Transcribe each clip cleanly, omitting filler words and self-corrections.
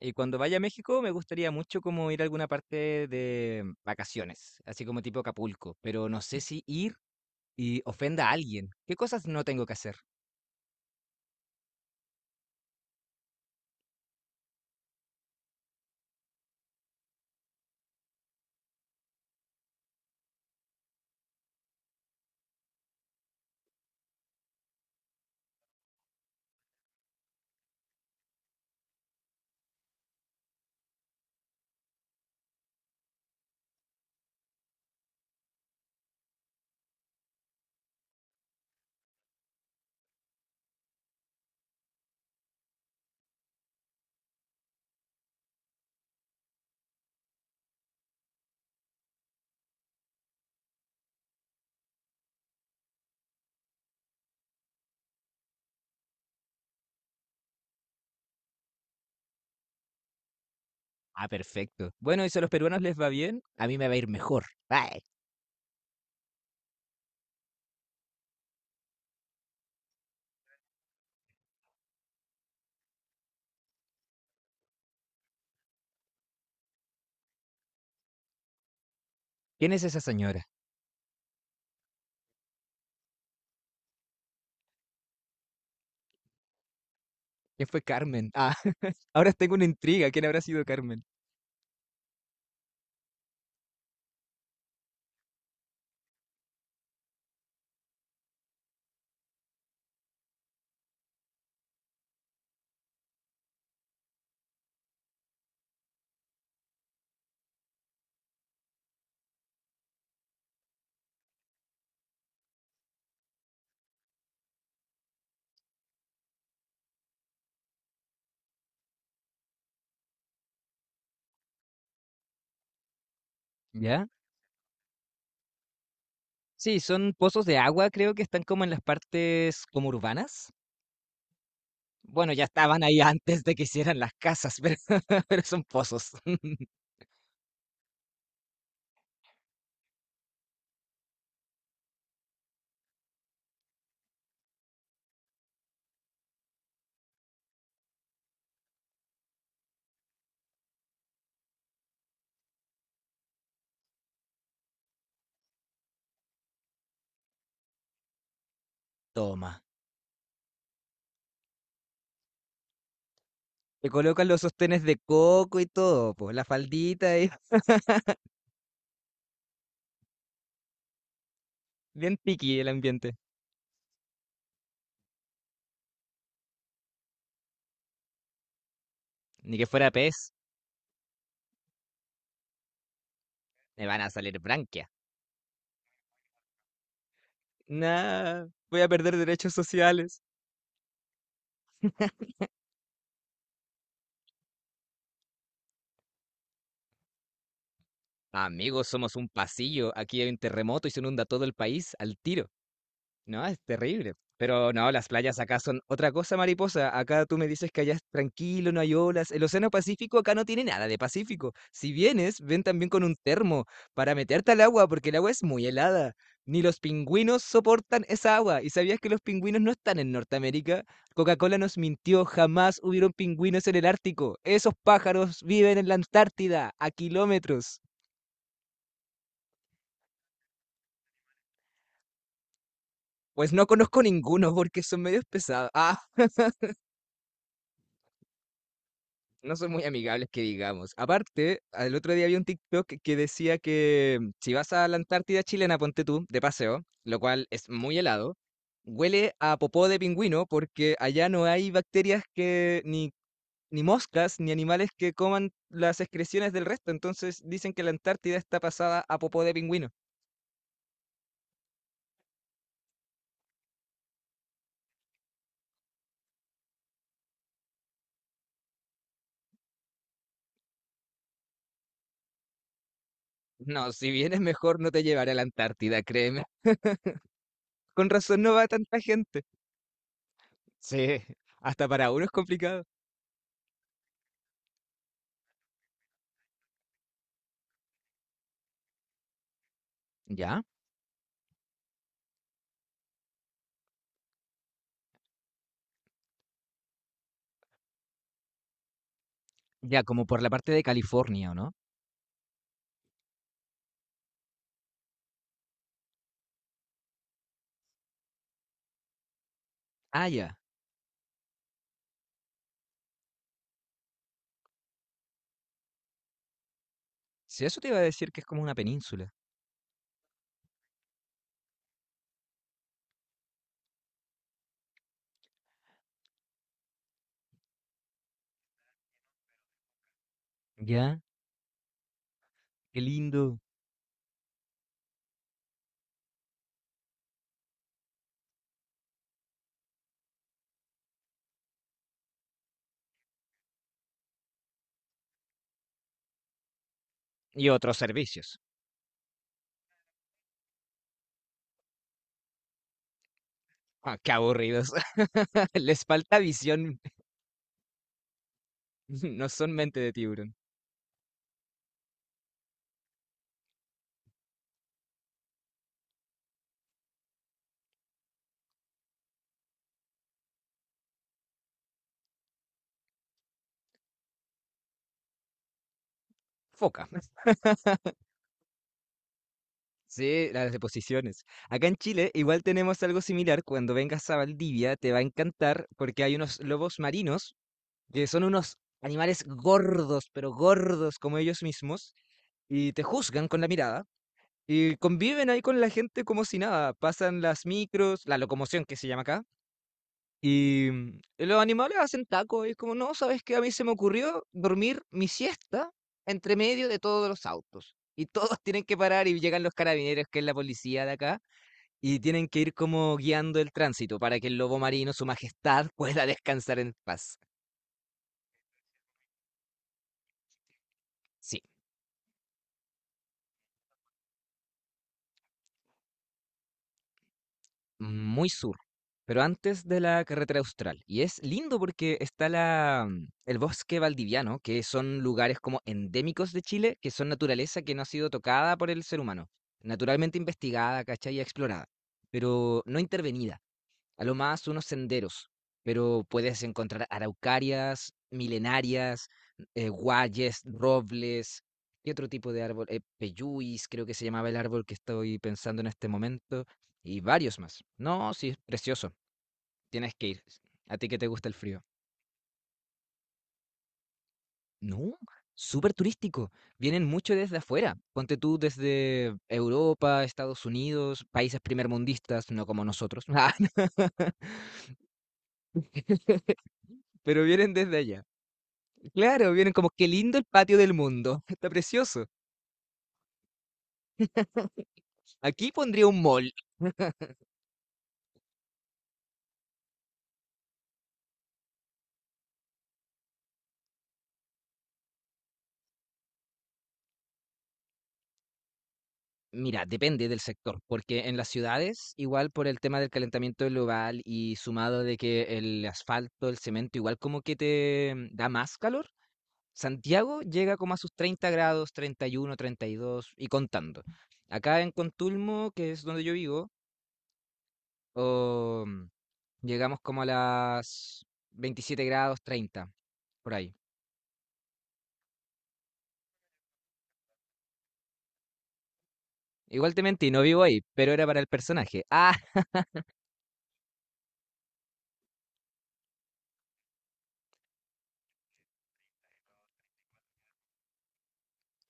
Y cuando vaya a México me gustaría mucho como ir a alguna parte de vacaciones, así como tipo Acapulco, pero no sé si ir y ofenda a alguien. ¿Qué cosas no tengo que hacer? Ah, perfecto. Bueno, y si a los peruanos les va bien, a mí me va a ir mejor. Ay, ¿quién es esa señora? ¿Quién fue Carmen? Ah, ahora tengo una intriga. ¿Quién habrá sido Carmen? ¿Ya? Sí, son pozos de agua, creo que están como en las partes como urbanas. Bueno, ya estaban ahí antes de que hicieran las casas, pero, pero son pozos. Toma. Le colocan los sostenes de coco y todo, pues la faldita es bien piqui el ambiente. Ni que fuera pez, me van a salir branquia. Nah, voy a perder derechos sociales. Amigos, somos un pasillo. Aquí hay un terremoto y se inunda todo el país al tiro. No, es terrible. Pero no, las playas acá son otra cosa, mariposa. Acá tú me dices que allá es tranquilo, no hay olas. El Océano Pacífico acá no tiene nada de Pacífico. Si vienes, ven también con un termo para meterte al agua, porque el agua es muy helada. Ni los pingüinos soportan esa agua. ¿Y sabías que los pingüinos no están en Norteamérica? Coca-Cola nos mintió, jamás hubieron pingüinos en el Ártico. Esos pájaros viven en la Antártida, a kilómetros. Pues no conozco ninguno porque son medios pesados. No son muy amigables que digamos. Aparte, el otro día había un TikTok que decía que si vas a la Antártida chilena, ponte tú, de paseo, lo cual es muy helado, huele a popó de pingüino porque allá no hay bacterias que, ni moscas, ni animales que coman las excreciones del resto. Entonces dicen que la Antártida está pasada a popó de pingüino. No, si vienes mejor no te llevaré a la Antártida, créeme. Con razón no va tanta gente. Sí, hasta para uno es complicado. ¿Ya? Ya, como por la parte de California, ¿o no? Ah, ya. Si eso te iba a decir que es como una península. Ya, qué lindo. Y otros servicios. Ah, qué aburridos. Les falta visión. No son mente de tiburón. Foca. Sí, las deposiciones. Acá en Chile igual tenemos algo similar. Cuando vengas a Valdivia te va a encantar porque hay unos lobos marinos que son unos animales gordos, pero gordos como ellos mismos, y te juzgan con la mirada. Y conviven ahí con la gente como si nada, pasan las micros, la locomoción que se llama acá, y los animales hacen tacos, y es como, no, ¿sabes qué? A mí se me ocurrió dormir mi siesta entre medio de todos los autos. Y todos tienen que parar y llegan los carabineros, que es la policía de acá, y tienen que ir como guiando el tránsito para que el lobo marino, su majestad, pueda descansar en paz. Sí. Muy sur, pero antes de la carretera austral. Y es lindo porque está el bosque valdiviano, que son lugares como endémicos de Chile, que son naturaleza que no ha sido tocada por el ser humano, naturalmente investigada, ¿cachai? Y explorada, pero no intervenida. A lo más unos senderos, pero puedes encontrar araucarias, milenarias, guayes, robles y otro tipo de árbol, peyuis, creo que se llamaba el árbol que estoy pensando en este momento, y varios más. No, sí, es precioso, tienes que ir. A ti que te gusta el frío. No, súper turístico. Vienen mucho desde afuera. Ponte tú desde Europa, Estados Unidos, países primermundistas, no como nosotros, pero vienen desde allá. Claro, vieron como qué lindo el patio del mundo, está precioso. Aquí pondría un mall. Mira, depende del sector, porque en las ciudades, igual por el tema del calentamiento global y sumado de que el asfalto, el cemento, igual como que te da más calor, Santiago llega como a sus 30 grados, 31, 32 y contando. Acá en Contulmo, que es donde yo vivo, o, mm, llegamos como a las 27 grados, 30 por ahí. Igual te mentí, no vivo ahí, pero era para el personaje. Ah,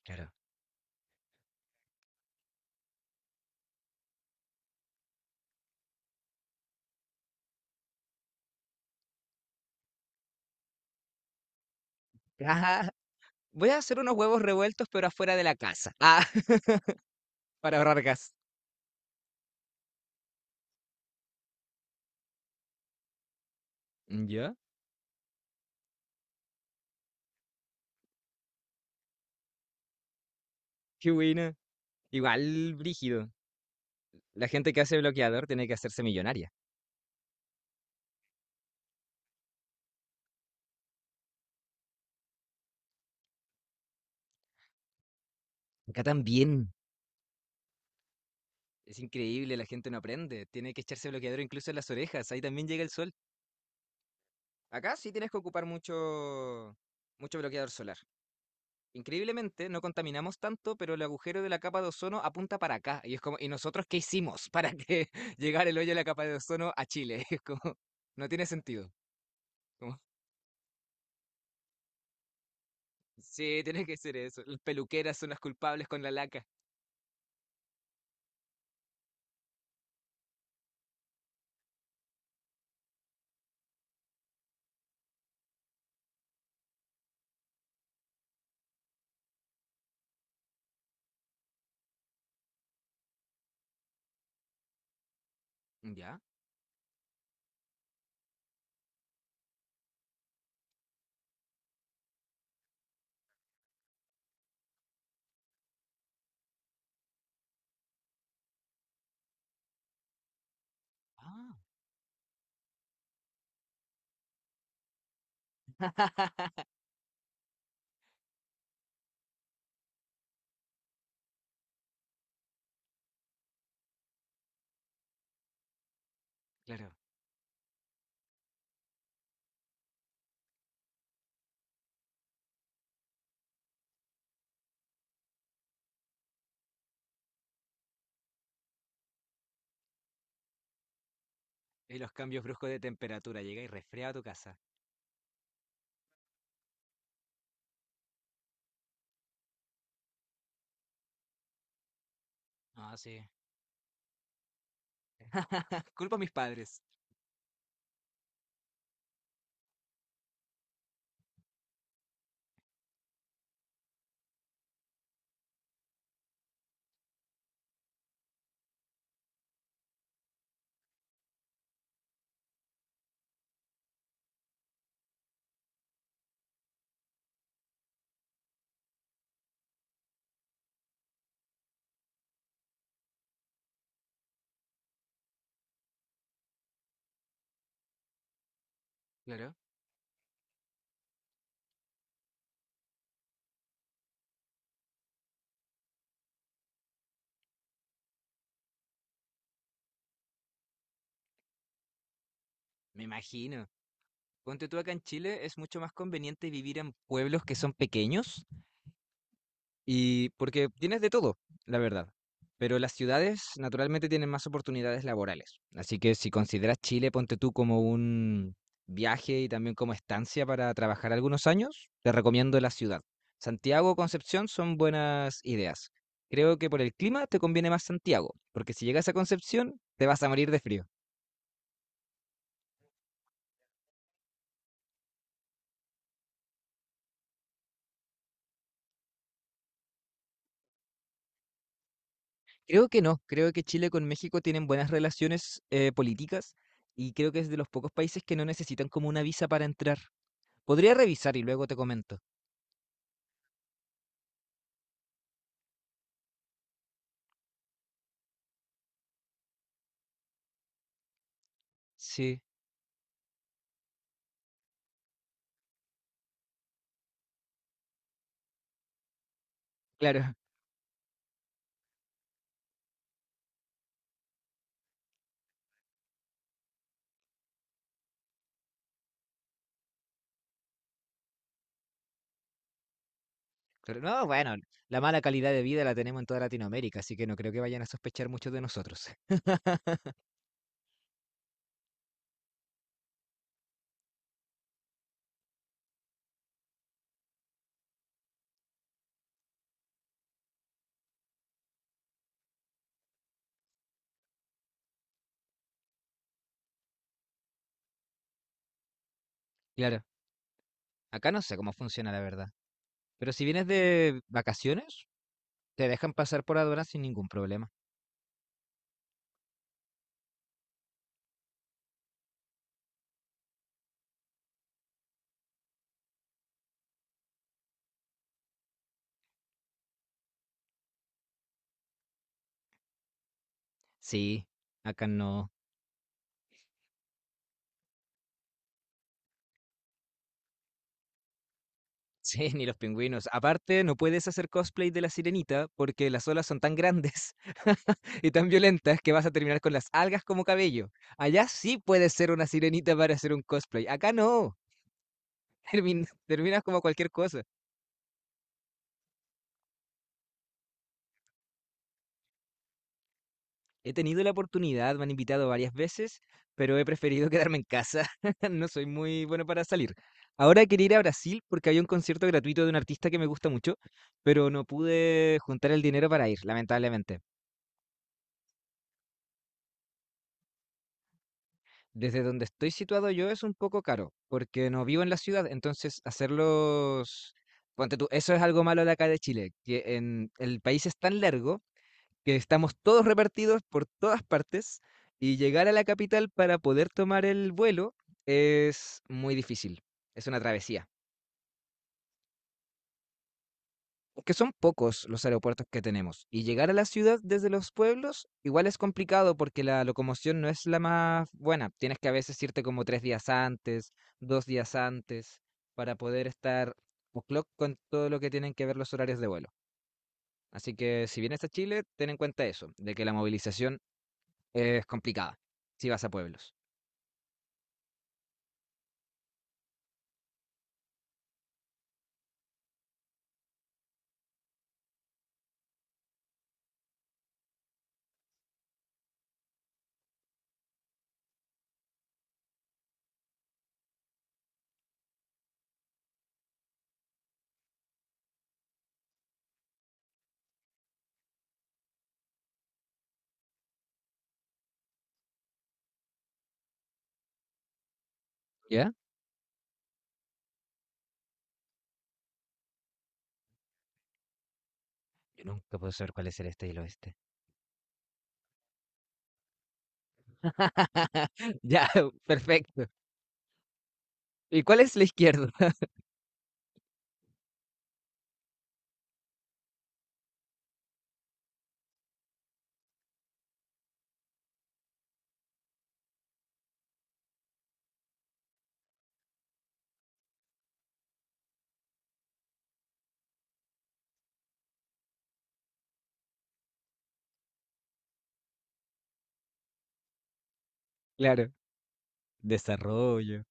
claro. Ah, voy a hacer unos huevos revueltos, pero afuera de la casa. Ah, para ahorrar gas. ¿Ya? Qué buena. Igual, brígido. La gente que hace bloqueador tiene que hacerse millonaria. Acá también. Es increíble, la gente no aprende. Tiene que echarse bloqueador incluso en las orejas. Ahí también llega el sol. Acá sí tienes que ocupar mucho bloqueador solar. Increíblemente, no contaminamos tanto, pero el agujero de la capa de ozono apunta para acá. Y es como, ¿y nosotros qué hicimos para que llegara el hoyo de la capa de ozono a Chile? Es como, no tiene sentido. Como, sí, tiene que ser eso. Las peluqueras son las culpables con la laca. ¿Ya? Ah, claro. Y los cambios bruscos de temperatura. Llega y resfría a tu casa. Ah, sí. Culpa a mis padres. Claro. Me imagino. Ponte tú acá en Chile, es mucho más conveniente vivir en pueblos que son pequeños, y porque tienes de todo, la verdad. Pero las ciudades naturalmente tienen más oportunidades laborales. Así que si consideras Chile, ponte tú como un viaje y también como estancia para trabajar algunos años, te recomiendo la ciudad. Santiago o Concepción son buenas ideas. Creo que por el clima te conviene más Santiago, porque si llegas a Concepción te vas a morir de frío. Creo que no, creo que Chile con México tienen buenas relaciones políticas, y creo que es de los pocos países que no necesitan como una visa para entrar. Podría revisar y luego te comento. Sí, claro. Claro. No, bueno, la mala calidad de vida la tenemos en toda Latinoamérica, así que no creo que vayan a sospechar mucho de nosotros. Claro. Acá no sé cómo funciona, la verdad. Pero si vienes de vacaciones, te dejan pasar por aduana sin ningún problema. Sí, acá no. Sí, ni los pingüinos. Aparte, no puedes hacer cosplay de la sirenita porque las olas son tan grandes y tan violentas que vas a terminar con las algas como cabello. Allá sí puedes ser una sirenita para hacer un cosplay. Acá no. Termin- terminas como cualquier cosa. He tenido la oportunidad, me han invitado varias veces, pero he preferido quedarme en casa. No soy muy bueno para salir. Ahora quería ir a Brasil porque había un concierto gratuito de un artista que me gusta mucho, pero no pude juntar el dinero para ir, lamentablemente. Desde donde estoy situado yo es un poco caro, porque no vivo en la ciudad, entonces hacerlos... Ponte tú, eso es algo malo de acá de Chile, que en el país es tan largo que estamos todos repartidos por todas partes y llegar a la capital para poder tomar el vuelo es muy difícil. Es una travesía. Que son pocos los aeropuertos que tenemos. Y llegar a la ciudad desde los pueblos igual es complicado porque la locomoción no es la más buena. Tienes que a veces irte como tres días antes, dos días antes, para poder estar o'clock con todo lo que tienen que ver los horarios de vuelo. Así que si vienes a Chile, ten en cuenta eso, de que la movilización es complicada, si vas a pueblos. ¿Ya? Yo nunca puedo saber cuál es el este y el oeste. Ya, perfecto. ¿Y cuál es la izquierda? Claro, desarrollo.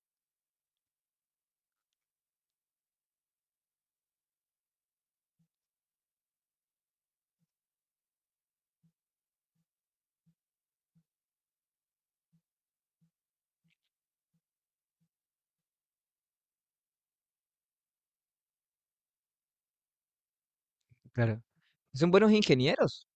Claro. Son buenos ingenieros.